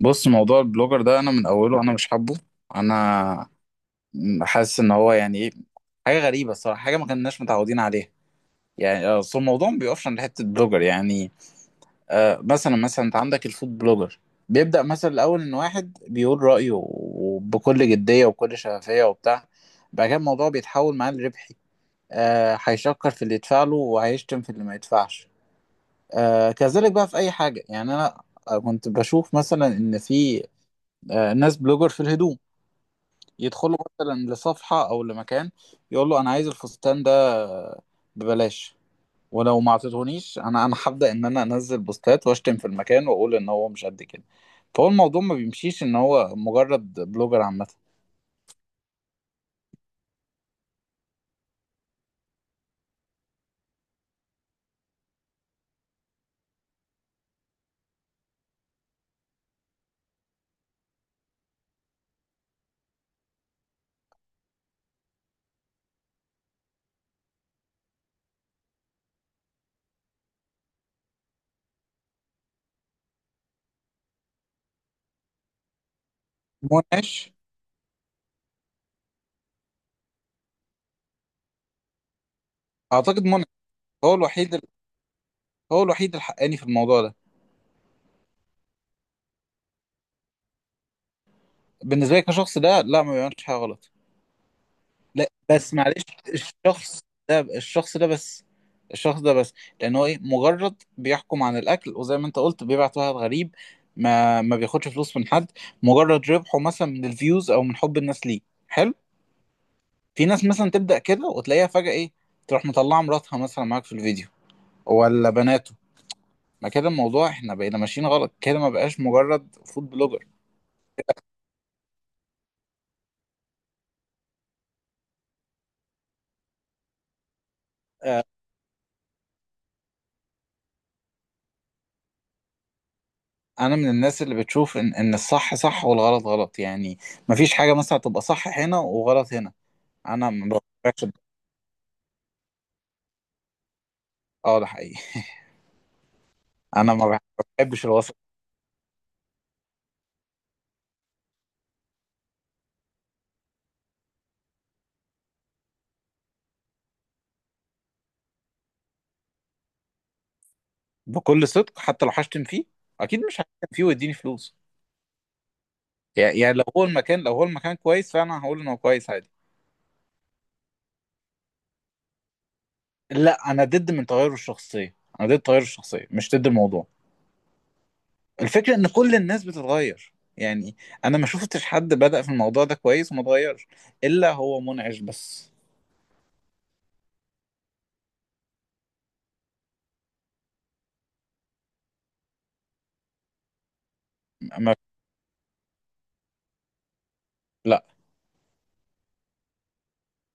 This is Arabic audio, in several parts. بص، موضوع البلوجر ده انا من اوله، انا مش حابه. انا حاسس ان هو يعني ايه، حاجه غريبه الصراحه، حاجه ما كناش متعودين عليها. يعني اصل الموضوع ما بيقفش عند حته بلوجر يعني. مثلا انت عندك الفود بلوجر. بيبدا مثلا الاول ان واحد بيقول رايه، وبكل جديه وبكل شفافيه وبتاع. بعد كده الموضوع بيتحول معاه لربحي. هيشكر في اللي يدفع له وهيشتم في اللي ما يدفعش. كذلك بقى في اي حاجه. يعني انا كنت بشوف مثلا ان في ناس بلوجر في الهدوم. يدخله مثلا لصفحة أو لمكان، يقول له أنا عايز الفستان ده ببلاش. ولو ما اعطيتهونيش، أنا هبدأ إن أنا أنزل بوستات وأشتم في المكان وأقول إن هو مش قد كده. فهو الموضوع ما بيمشيش إن هو مجرد بلوجر عامة. منعش. أعتقد منعش. هو الوحيد هو الوحيد الحقاني في الموضوع ده. بالنسبة لي كشخص ده، لا، ما بيعملش حاجة غلط. لا بس معلش، الشخص ده الشخص ده بس الشخص ده بس، لان هو ايه مجرد بيحكم عن الاكل، وزي ما انت قلت بيبعت واحد غريب. ما بياخدش فلوس من حد، مجرد ربحه مثلا من الفيوز او من حب الناس ليه. حلو. في ناس مثلا تبدا كده وتلاقيها فجاه ايه، تروح مطلعه مراتها مثلا معاك في الفيديو ولا بناته. ما كده الموضوع احنا بقينا ماشيين غلط كده، ما بقاش مجرد فود بلوجر. آه، انا من الناس اللي بتشوف ان الصح صح والغلط غلط يعني. مفيش حاجه مثلا تبقى صح هنا وغلط هنا. انا ما بحبش. اه ده حقيقي. انا ما بحبش الوسط. بكل صدق حتى لو هشتم فيه. اكيد مش هشتم فيه ويديني فلوس. يعني لو هو المكان كويس فانا هقول ان هو كويس، عادي. لا، انا ضد من تغير الشخصيه، انا ضد تغير الشخصيه، مش ضد الموضوع. الفكره ان كل الناس بتتغير يعني. انا ما شفتش حد بدأ في الموضوع ده كويس وما اتغيرش، الا هو منعش بس. ما لا.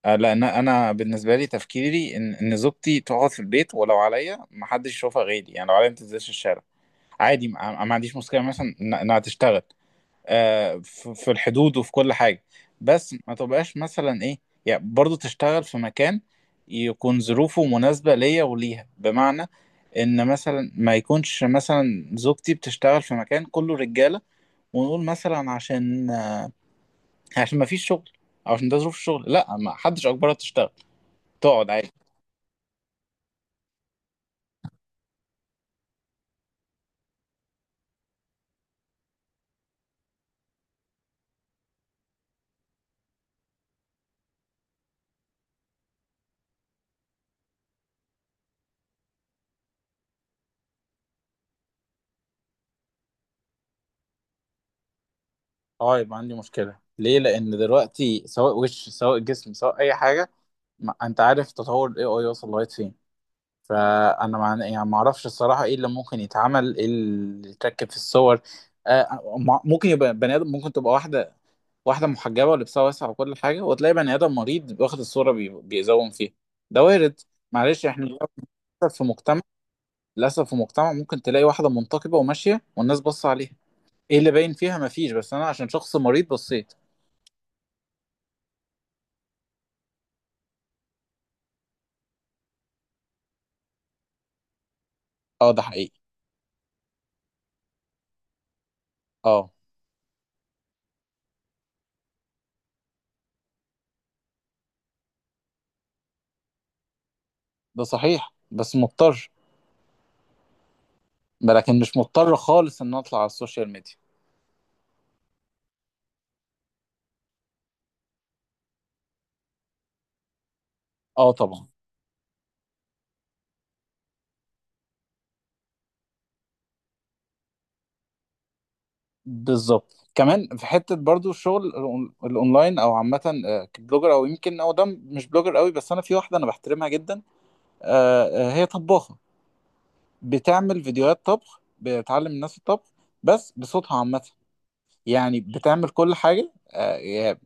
لان انا بالنسبه لي تفكيري ان زوجتي تقعد في البيت، ولو عليا ما حدش يشوفها غيري. يعني لو عليا ما تنزلش الشارع. عادي، ما عنديش مشكله مثلا انها تشتغل، آه، في الحدود وفي كل حاجه. بس ما تبقاش مثلا ايه، يعني برضو تشتغل في مكان يكون ظروفه مناسبه ليا وليها. بمعنى ان مثلا ما يكونش مثلا زوجتي بتشتغل في مكان كله رجاله، ونقول مثلا عشان ما فيش شغل، أو عشان ده ظروف الشغل. لا، ما حدش اجبرها تشتغل، تقعد عادي. اه، يبقى عندي مشكلة. ليه؟ لأن دلوقتي سواء وش سواء جسم سواء أي حاجة، ما أنت عارف تطور ال AI وصل لغاية فين. يعني ما أعرفش الصراحة إيه اللي ممكن يتعمل، إيه اللي يتركب في الصور. آه ممكن يبقى بني آدم، ممكن تبقى واحدة محجبة ولبسها واسع وكل حاجة، وتلاقي بني آدم مريض واخد الصورة بيزوم فيها. ده وارد. معلش إحنا للأسف، في مجتمع للأسف في مجتمع ممكن تلاقي واحدة منتقبة وماشية والناس باصة عليها إيه اللي باين فيها؟ مفيش، بس أنا عشان شخص مريض بصيت. اه ده حقيقي. اه ده صحيح، بس مضطر. لكن مش مضطر خالص ان اطلع على السوشيال ميديا. اه طبعا. بالظبط. كمان في حته برضو الشغل الاونلاين او عامه. آه، كبلوجر او يمكن، او ده مش بلوجر قوي، بس انا في واحده انا بحترمها جدا. آه، هي طباخه، بتعمل فيديوهات طبخ، بتعلم الناس الطبخ بس بصوتها عامه. يعني بتعمل كل حاجه، يعني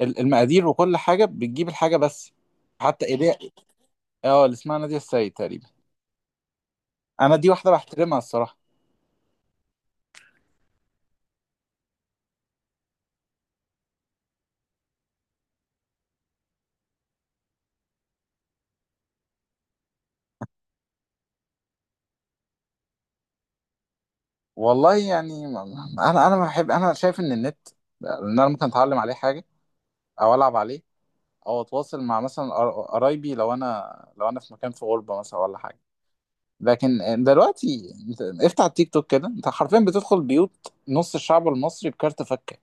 المقادير وكل حاجه، بتجيب الحاجه بس. حتى ايديها. اه اللي اسمها نادية السيد تقريبا. انا دي واحده بحترمها الصراحه. والله يعني انا ما بحب. انا شايف ان النت، انا ممكن اتعلم عليه حاجه، او العب عليه، او اتواصل مع مثلا قرايبي لو انا في مكان في غربه مثلا ولا حاجه. لكن دلوقتي انت افتح التيك توك كده، انت حرفيا بتدخل بيوت نص الشعب المصري بكارت فكه.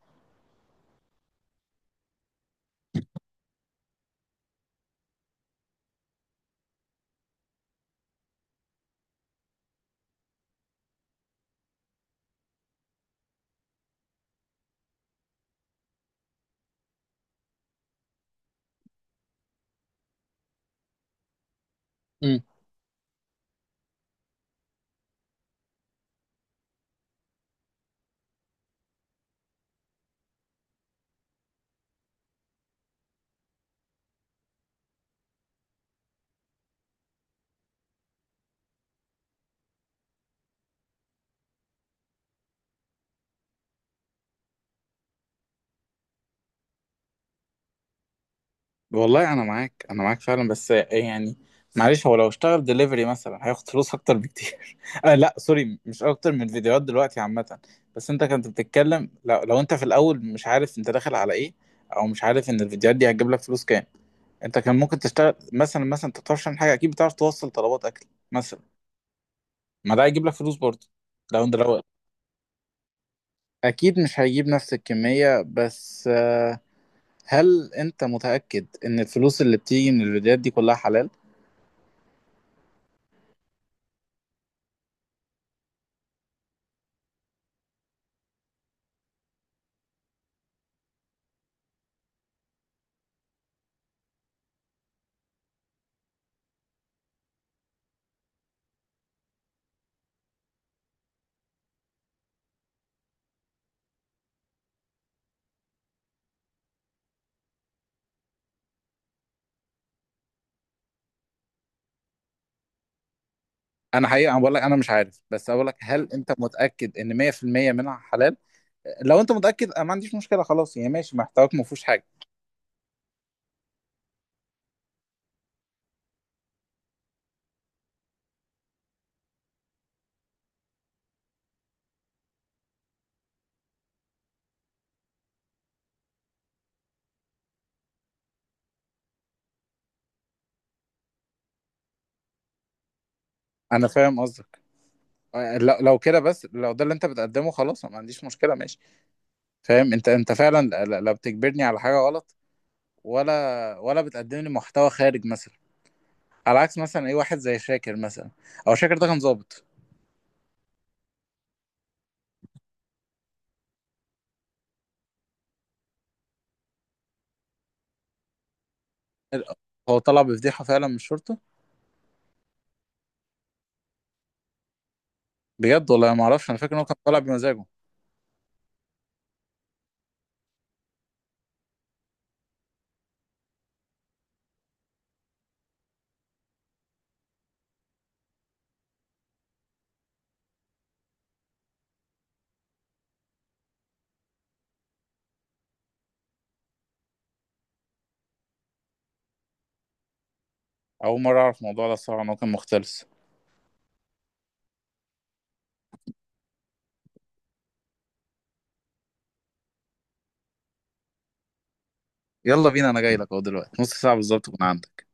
والله انا معاك، انا معاك فعلا. بس يعني معلش، هو لو اشتغل دليفري مثلا هياخد فلوس اكتر بكتير. آه لا سوري، مش اكتر من الفيديوهات دلوقتي عامه. بس انت كنت بتتكلم، لو انت في الاول مش عارف انت داخل على ايه، او مش عارف ان الفيديوهات دي هتجيب لك فلوس كام. انت كان ممكن تشتغل مثلا انت بتعرفش تعمل حاجه، اكيد بتعرف توصل طلبات اكل مثلا. ما ده هيجيب لك فلوس برضه. لو انت لو اكيد مش هيجيب نفس الكميه، بس آه، هل انت متاكد ان الفلوس اللي بتيجي من الفيديوهات دي كلها حلال؟ انا حقيقه بقول لك انا مش عارف، بس اقول لك هل انت متاكد ان 100% منها حلال؟ لو انت متاكد انا ما عنديش مشكله خلاص يعني، ماشي محتواك ما فيهوش حاجه. انا فاهم قصدك. آه، لو كده بس، لو ده اللي انت بتقدمه خلاص أنا ما عنديش مشكله، ماشي. فاهم انت، فعلا لا لا بتجبرني على حاجه غلط، ولا ولا بتقدم لي محتوى خارج مثلا، على عكس مثلا اي واحد زي شاكر مثلا. او شاكر ده كان ظابط. هو طلع بفضيحه فعلا من الشرطه. بجد والله ما اعرفش، انا فاكر ان هو كان طالع بمزاجه. اول مره اعرف الموضوع ده الصراحه ان هو كان مختلس. يلا بينا، انا جاي لك اهو دلوقتي، نص ساعة بالظبط كنا عندك.